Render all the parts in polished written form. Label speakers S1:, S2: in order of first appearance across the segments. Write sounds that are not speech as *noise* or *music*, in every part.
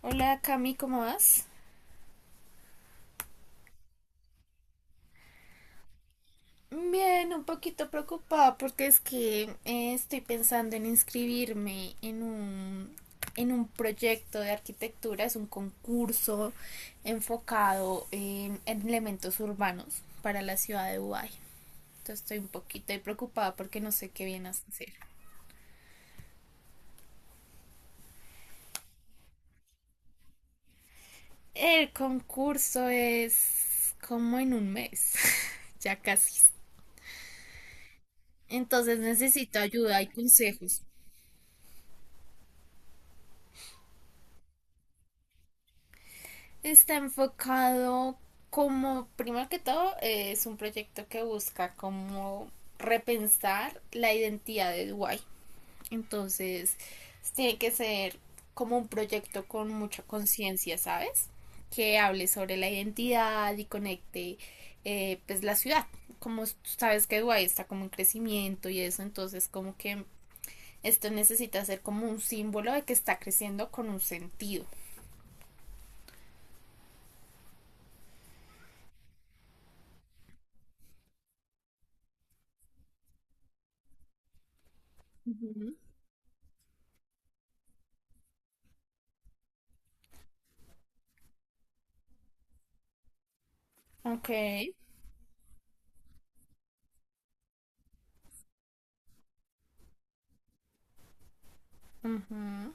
S1: Hola Cami, ¿cómo vas? Bien, un poquito preocupada porque es que estoy pensando en inscribirme en un proyecto de arquitectura, es un concurso enfocado en elementos urbanos para la ciudad de Dubái. Entonces estoy un poquito ahí preocupada porque no sé qué viene a hacer. El concurso es como en un mes, *laughs* ya casi. Entonces necesito ayuda y consejos. Está enfocado como, primero que todo, es un proyecto que busca como repensar la identidad de Dubái. Entonces, tiene que ser como un proyecto con mucha conciencia, ¿sabes? Que hable sobre la identidad y conecte, pues, la ciudad. Como tú sabes que Dubái está como en crecimiento y eso, entonces como que esto necesita ser como un símbolo de que está creciendo con un sentido. Ujú. Ok. Ujú.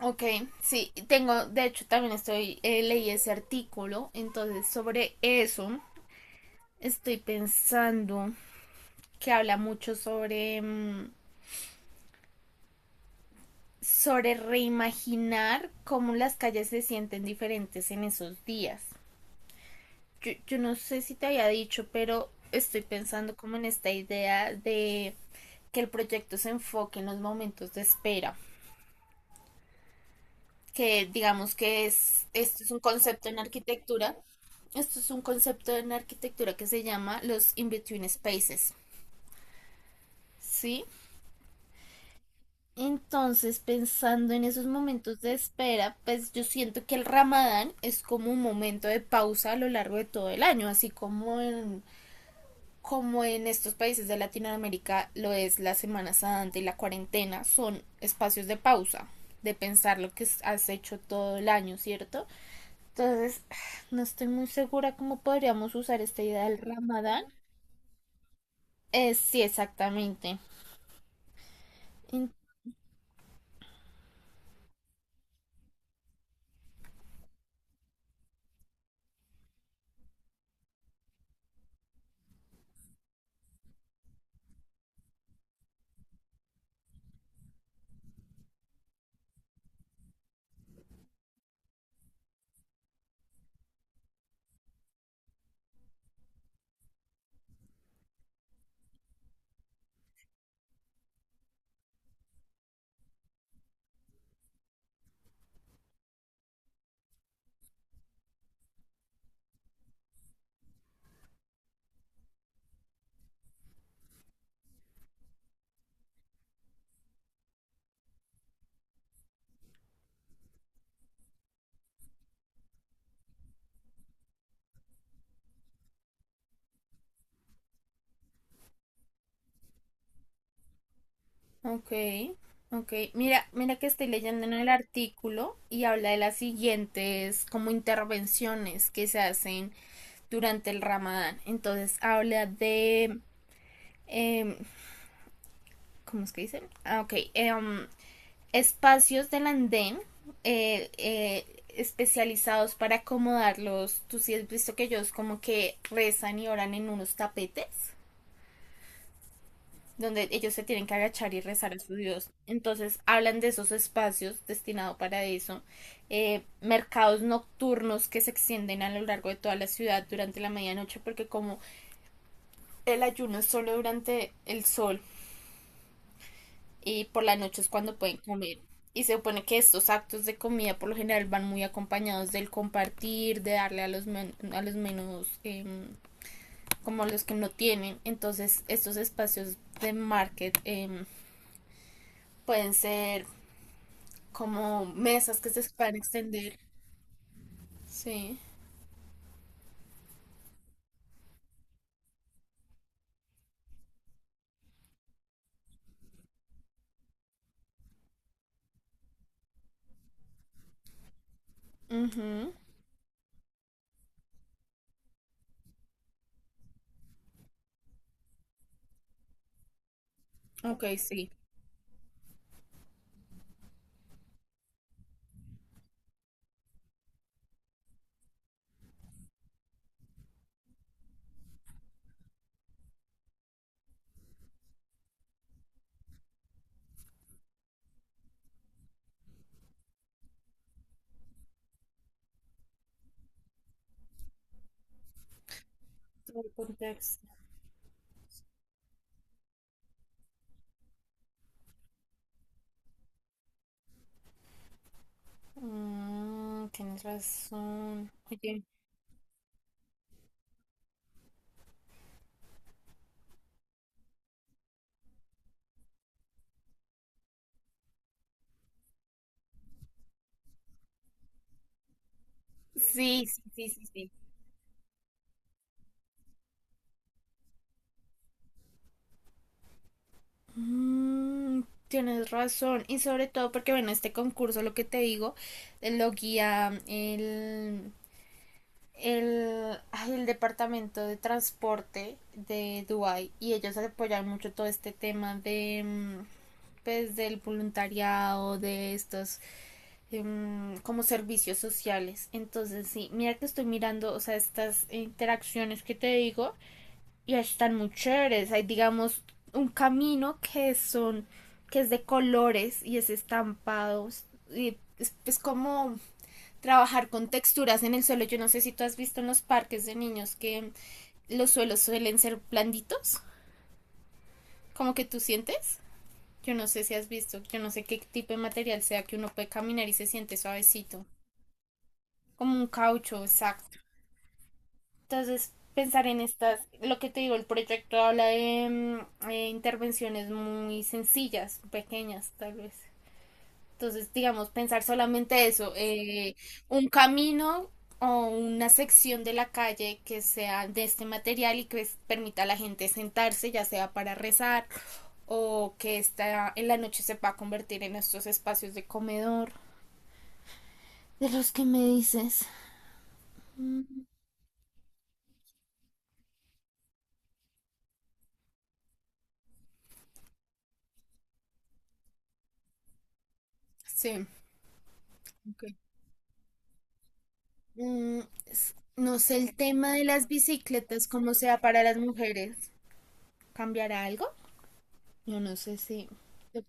S1: Ok, sí, tengo, de hecho también estoy, leí ese artículo, entonces sobre eso estoy pensando, que habla mucho sobre, sobre reimaginar cómo las calles se sienten diferentes en esos días. Yo no sé si te había dicho, pero estoy pensando como en esta idea de que el proyecto se enfoque en los momentos de espera. Que digamos que es, esto es un concepto en arquitectura que se llama los in-between spaces, ¿sí? Entonces, pensando en esos momentos de espera, pues yo siento que el Ramadán es como un momento de pausa a lo largo de todo el año, así como en estos países de Latinoamérica lo es la Semana Santa y la cuarentena, son espacios de pausa, de pensar lo que has hecho todo el año, ¿cierto? Entonces, *sighs* no estoy muy segura cómo podríamos usar esta idea del Ramadán. Sí, exactamente. En- Ok, ok. Mira, mira que estoy leyendo en el artículo y habla de las siguientes como intervenciones que se hacen durante el Ramadán. Entonces habla de, em, ¿cómo es que dicen? Ah, ok, espacios del andén, especializados para acomodarlos. Tú sí has visto que ellos como que rezan y oran en unos tapetes, donde ellos se tienen que agachar y rezar a su Dios. Entonces hablan de esos espacios destinados para eso. Mercados nocturnos que se extienden a lo largo de toda la ciudad durante la medianoche, porque como el ayuno es solo durante el sol y por la noche es cuando pueden comer. Y se supone que estos actos de comida por lo general van muy acompañados del compartir, de darle a los, a los menos, como los que no tienen. Entonces estos espacios de market, pueden ser como mesas que se pueden extender. Sí. Ujú. Ok, sí. Todo el contexto. Mm, tienes razón. Oye. Sí, sí, sí, sí, sí. Mm, tienes razón. Y sobre todo porque, bueno, este concurso, lo que te digo, lo guía el departamento de transporte de Dubai, y ellos apoyan mucho todo este tema de, pues, del voluntariado, de estos, como servicios sociales. Entonces, sí, mira que estoy mirando, o sea, estas interacciones que te digo y están muy chéveres. Hay, digamos, un camino que es de colores y es estampado. Y es como trabajar con texturas en el suelo. Yo no sé si tú has visto en los parques de niños que los suelos suelen ser blanditos, como que tú sientes. Yo no sé si has visto, yo no sé qué tipo de material sea, que uno puede caminar y se siente suavecito, como un caucho, exacto. Entonces, pensar en estas, lo que te digo, el proyecto habla de, intervenciones muy sencillas, pequeñas tal vez. Entonces, digamos, pensar solamente eso, un camino o una sección de la calle que sea de este material y permita a la gente sentarse, ya sea para rezar o que esta, en la noche, se pueda convertir en estos espacios de comedor. De los que me dices. Mm, sí, ok. Mm, no sé, el tema de las bicicletas, cómo sea para las mujeres, ¿cambiará algo? Yo no sé si... yo-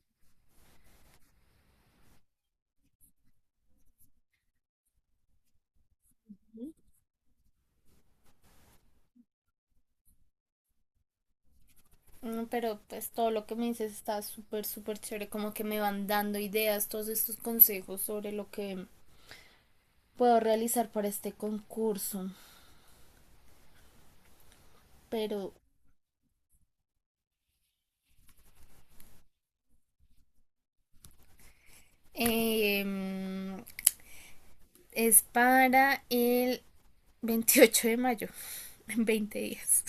S1: pero pues todo lo que me dices está súper, súper chévere, como que me van dando ideas, todos estos consejos sobre lo que puedo realizar para este concurso. Pero, em, es para el 28 de mayo, *laughs* en 20 días,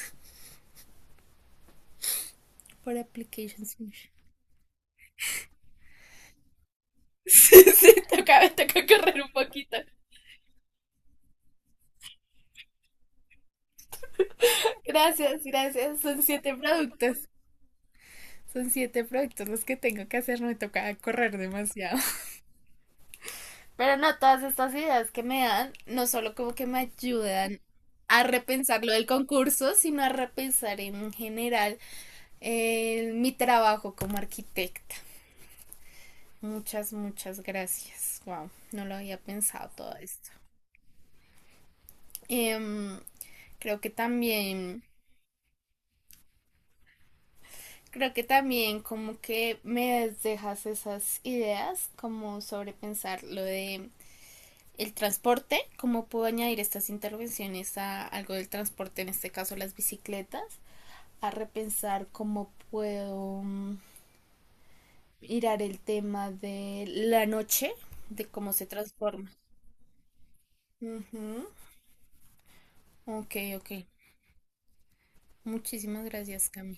S1: por Application Submission. *laughs* Toca, toca correr un poquito. Gracias, gracias. Son siete productos. Son siete productos los que tengo que hacer. No me toca correr demasiado. *laughs* Pero no, todas estas ideas que me dan, no solo como que me ayudan a repensar lo del concurso, sino a repensar en general, mi trabajo como arquitecta. Muchas, muchas gracias. Wow, no lo había pensado todo esto. Em, creo que también Creo que también como que me dejas esas ideas, como sobre pensar lo de el transporte, cómo puedo añadir estas intervenciones a algo del transporte, en este caso las bicicletas, a repensar cómo puedo, mirar el tema de la noche, de cómo se transforma. Ujú. Ok, ok. Muchísimas gracias, Cami.